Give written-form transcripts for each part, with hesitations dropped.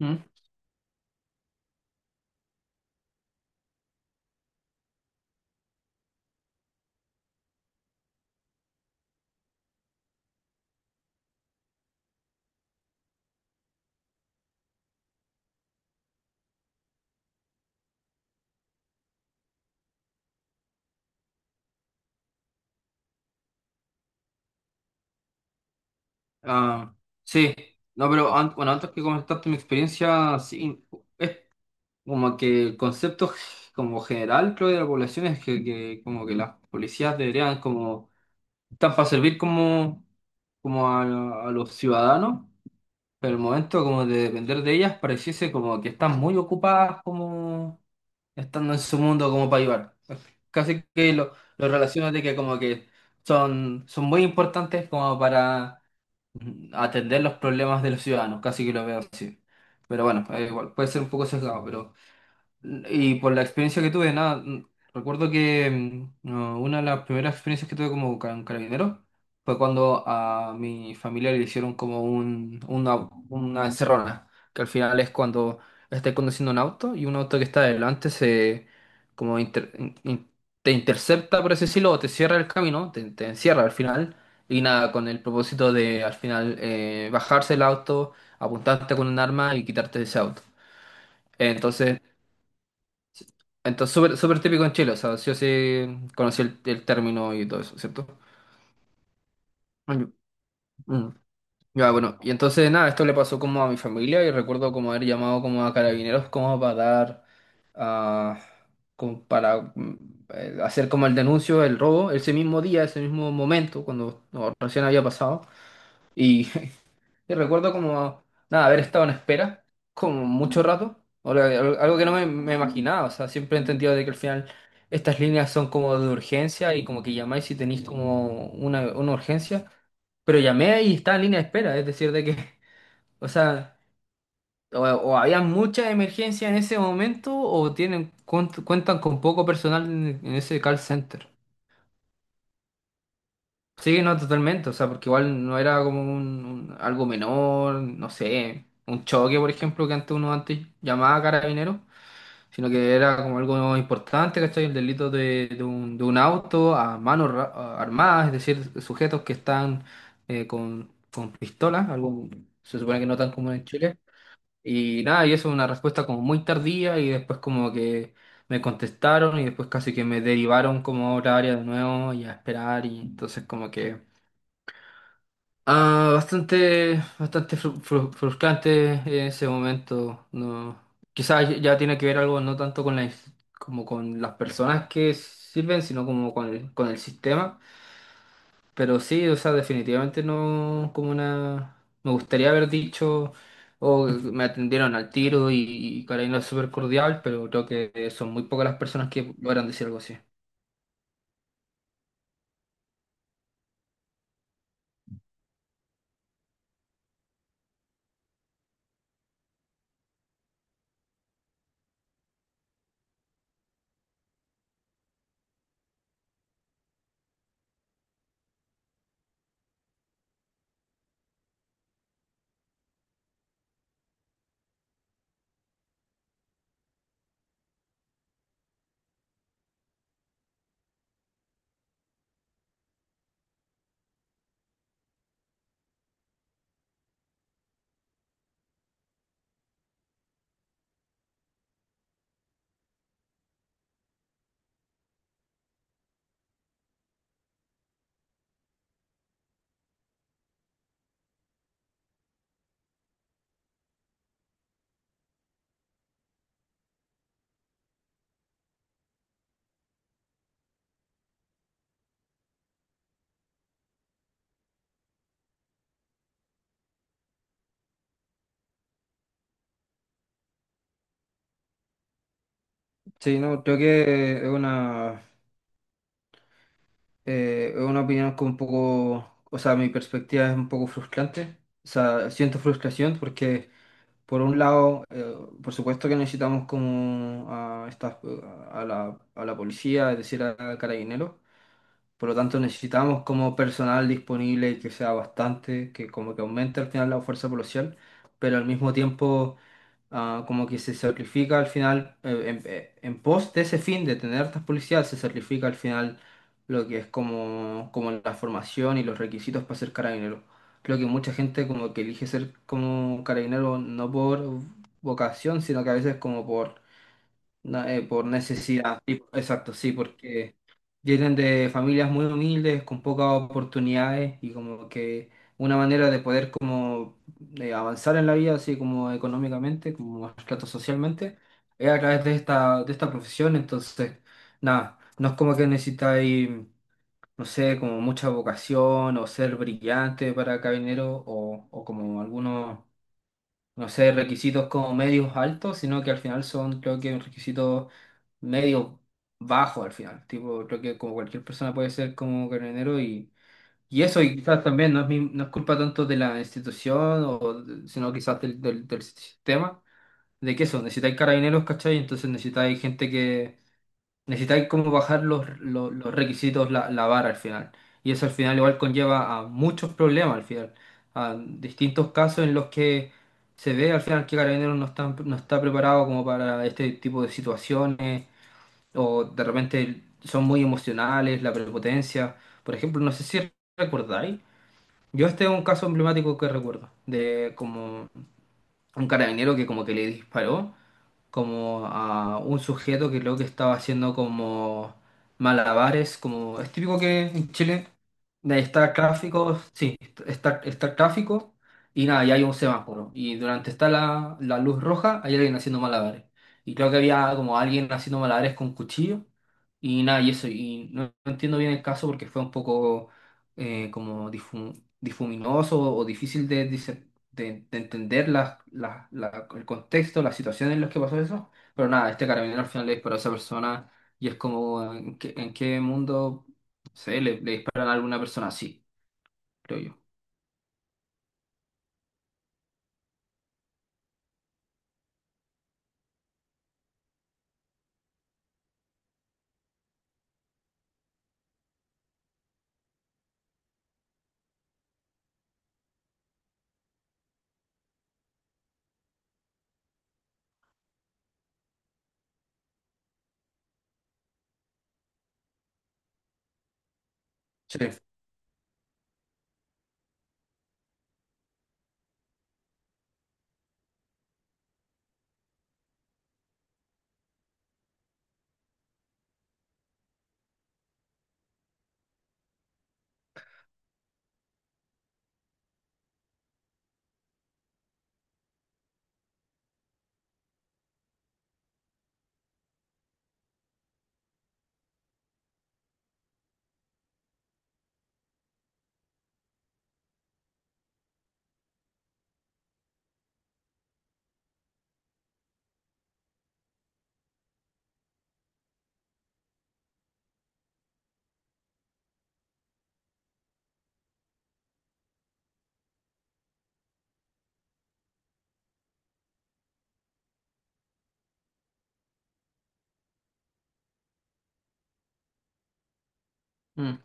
Mm. Ah, sí, no, pero bueno, antes que comentaste mi experiencia, sí, es como que el concepto como general, creo, de la población es que, como que las policías deberían como, están para servir como, como a los ciudadanos, pero el momento como de depender de ellas pareciese como que están muy ocupadas como estando en su mundo como para ayudar. Casi que lo relaciono de que como que son muy importantes como para atender los problemas de los ciudadanos, casi que lo veo así. Pero bueno, igual, puede ser un poco sesgado, pero y por la experiencia que tuve, nada, recuerdo que no, una de las primeras experiencias que tuve como carabinero fue cuando a mi familia le hicieron como una encerrona, que al final es cuando estás conduciendo un auto y un auto que está adelante se como te intercepta, por así decirlo, o te cierra el camino, te encierra al final, y nada, con el propósito de al final bajarse el auto, apuntarte con un arma y quitarte ese auto. Entonces, entonces, súper súper típico en Chile, o sea, sí o sí conocí el término y todo eso, ¿cierto? Mm, mm. Ya, bueno, y entonces nada, esto le pasó como a mi familia y recuerdo como haber llamado como a carabineros como para dar, ah, como para hacer como el denuncio del robo ese mismo día, ese mismo momento, cuando no, recién había pasado. Y y recuerdo como, nada, haber estado en espera como mucho rato, o algo que no me imaginaba, o sea, siempre he entendido de que al final estas líneas son como de urgencia y como que llamáis si tenéis como una urgencia, pero llamé y estaba en línea de espera, es decir, de que, o sea, o había mucha emergencia en ese momento o tienen cuentan con poco personal en ese call center. Sí, no, totalmente, o sea, porque igual no era como un, algo menor, no sé, un choque, por ejemplo, que antes uno antes llamaba carabinero, sino que era como algo importante, ¿cachai? El delito de un auto a manos armadas, es decir, sujetos que están con pistolas, algo se supone que no tan común en Chile, y nada, y eso es una respuesta como muy tardía y después como que me contestaron y después casi que me derivaron como a otra área de nuevo y a esperar y entonces como que... Ah, bastante frustrante en ese momento. No, quizás ya tiene que ver algo no tanto con la como con las personas que sirven, sino como con el sistema. Pero sí, o sea, definitivamente no como una. Me gustaría haber dicho o me atendieron al tiro y Karina es súper cordial, pero creo que son muy pocas las personas que logran decir algo así. Sí, no, creo que es una opinión que un poco, o sea, mi perspectiva es un poco frustrante. O sea, siento frustración porque, por un lado, por supuesto que necesitamos como a la policía, es decir, a carabineros, por lo tanto, necesitamos como personal disponible que sea bastante, que como que aumente al final la fuerza policial, pero al mismo tiempo como que se sacrifica al final, en pos de ese fin de tener estas policías, se sacrifica al final lo que es como, como la formación y los requisitos para ser carabinero. Creo que mucha gente como que elige ser como carabinero no por vocación, sino que a veces como por no, por necesidad, sí, exacto, sí, porque vienen de familias muy humildes, con pocas oportunidades y como que una manera de poder como avanzar en la vida, así como económicamente, como trato socialmente, es a través de esta profesión, entonces, nada, no es como que necesitáis, no sé, como mucha vocación o ser brillante para carabinero o como algunos no sé, requisitos como medios altos, sino que al final son, creo que, requisitos medios bajos al final. Tipo, creo que como cualquier persona puede ser como carabinero y eso, y quizás también no es, no es culpa tanto de la institución, o, sino quizás del sistema, de que eso, necesitáis carabineros, ¿cachai? Entonces necesitáis gente. Necesitáis como bajar los requisitos, la vara al final. Y eso al final igual conlleva a muchos problemas al final. A distintos casos en los que se ve al final que Carabineros no está, no está preparado como para este tipo de situaciones. O de repente son muy emocionales, la prepotencia. Por ejemplo, no sé si recordáis. Yo este es un caso emblemático que recuerdo. De como un carabinero que como que le disparó como a un sujeto que creo que estaba haciendo como malabares, como es típico que en Chile de estar gráfico, sí, estar gráfico y nada, y hay un semáforo. Y durante está la luz roja, hay alguien haciendo malabares. Y creo que había como alguien haciendo malabares con cuchillo y nada, y eso. Y no, no entiendo bien el caso porque fue un poco como difuminoso o difícil de, de entender el contexto, las situaciones en las que pasó eso. Pero nada, este carabinero al final le disparó a esa persona y es como, en qué mundo? Sí, le disparan a alguna persona, sí, creo yo. Sí, mm,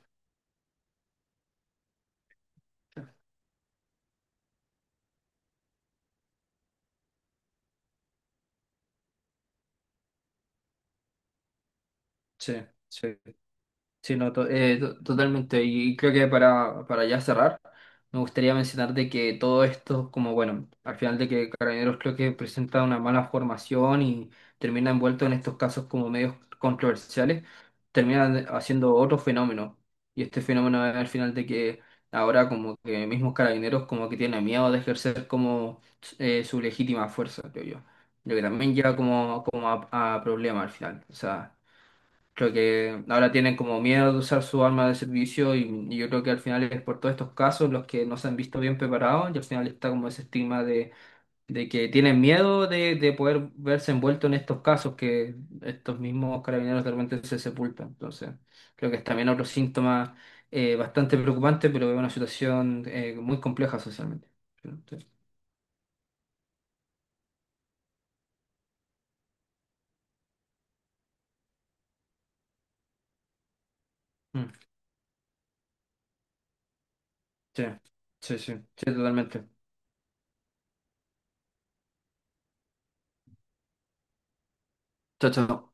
sí, sí. Sí, no, totalmente. Y creo que para ya cerrar, me gustaría mencionar de que todo esto, como bueno, al final de que Carabineros creo que presenta una mala formación y termina envuelto en estos casos como medios controversiales, termina haciendo otro fenómeno. Y este fenómeno es al final de que ahora como que mismos Carabineros como que tienen miedo de ejercer como su legítima fuerza, creo yo. Lo que también lleva como, como a problemas al final. O sea. Creo que ahora tienen como miedo de usar su arma de servicio y yo creo que al final es por todos estos casos los que no se han visto bien preparados y al final está como ese estigma de que tienen miedo de poder verse envuelto en estos casos que estos mismos carabineros de repente se sepultan. Entonces, creo que es también otro síntoma bastante preocupante, pero es una situación muy compleja socialmente. Sí, mm, sí, sí, sí, sí, totalmente. Chao, chao.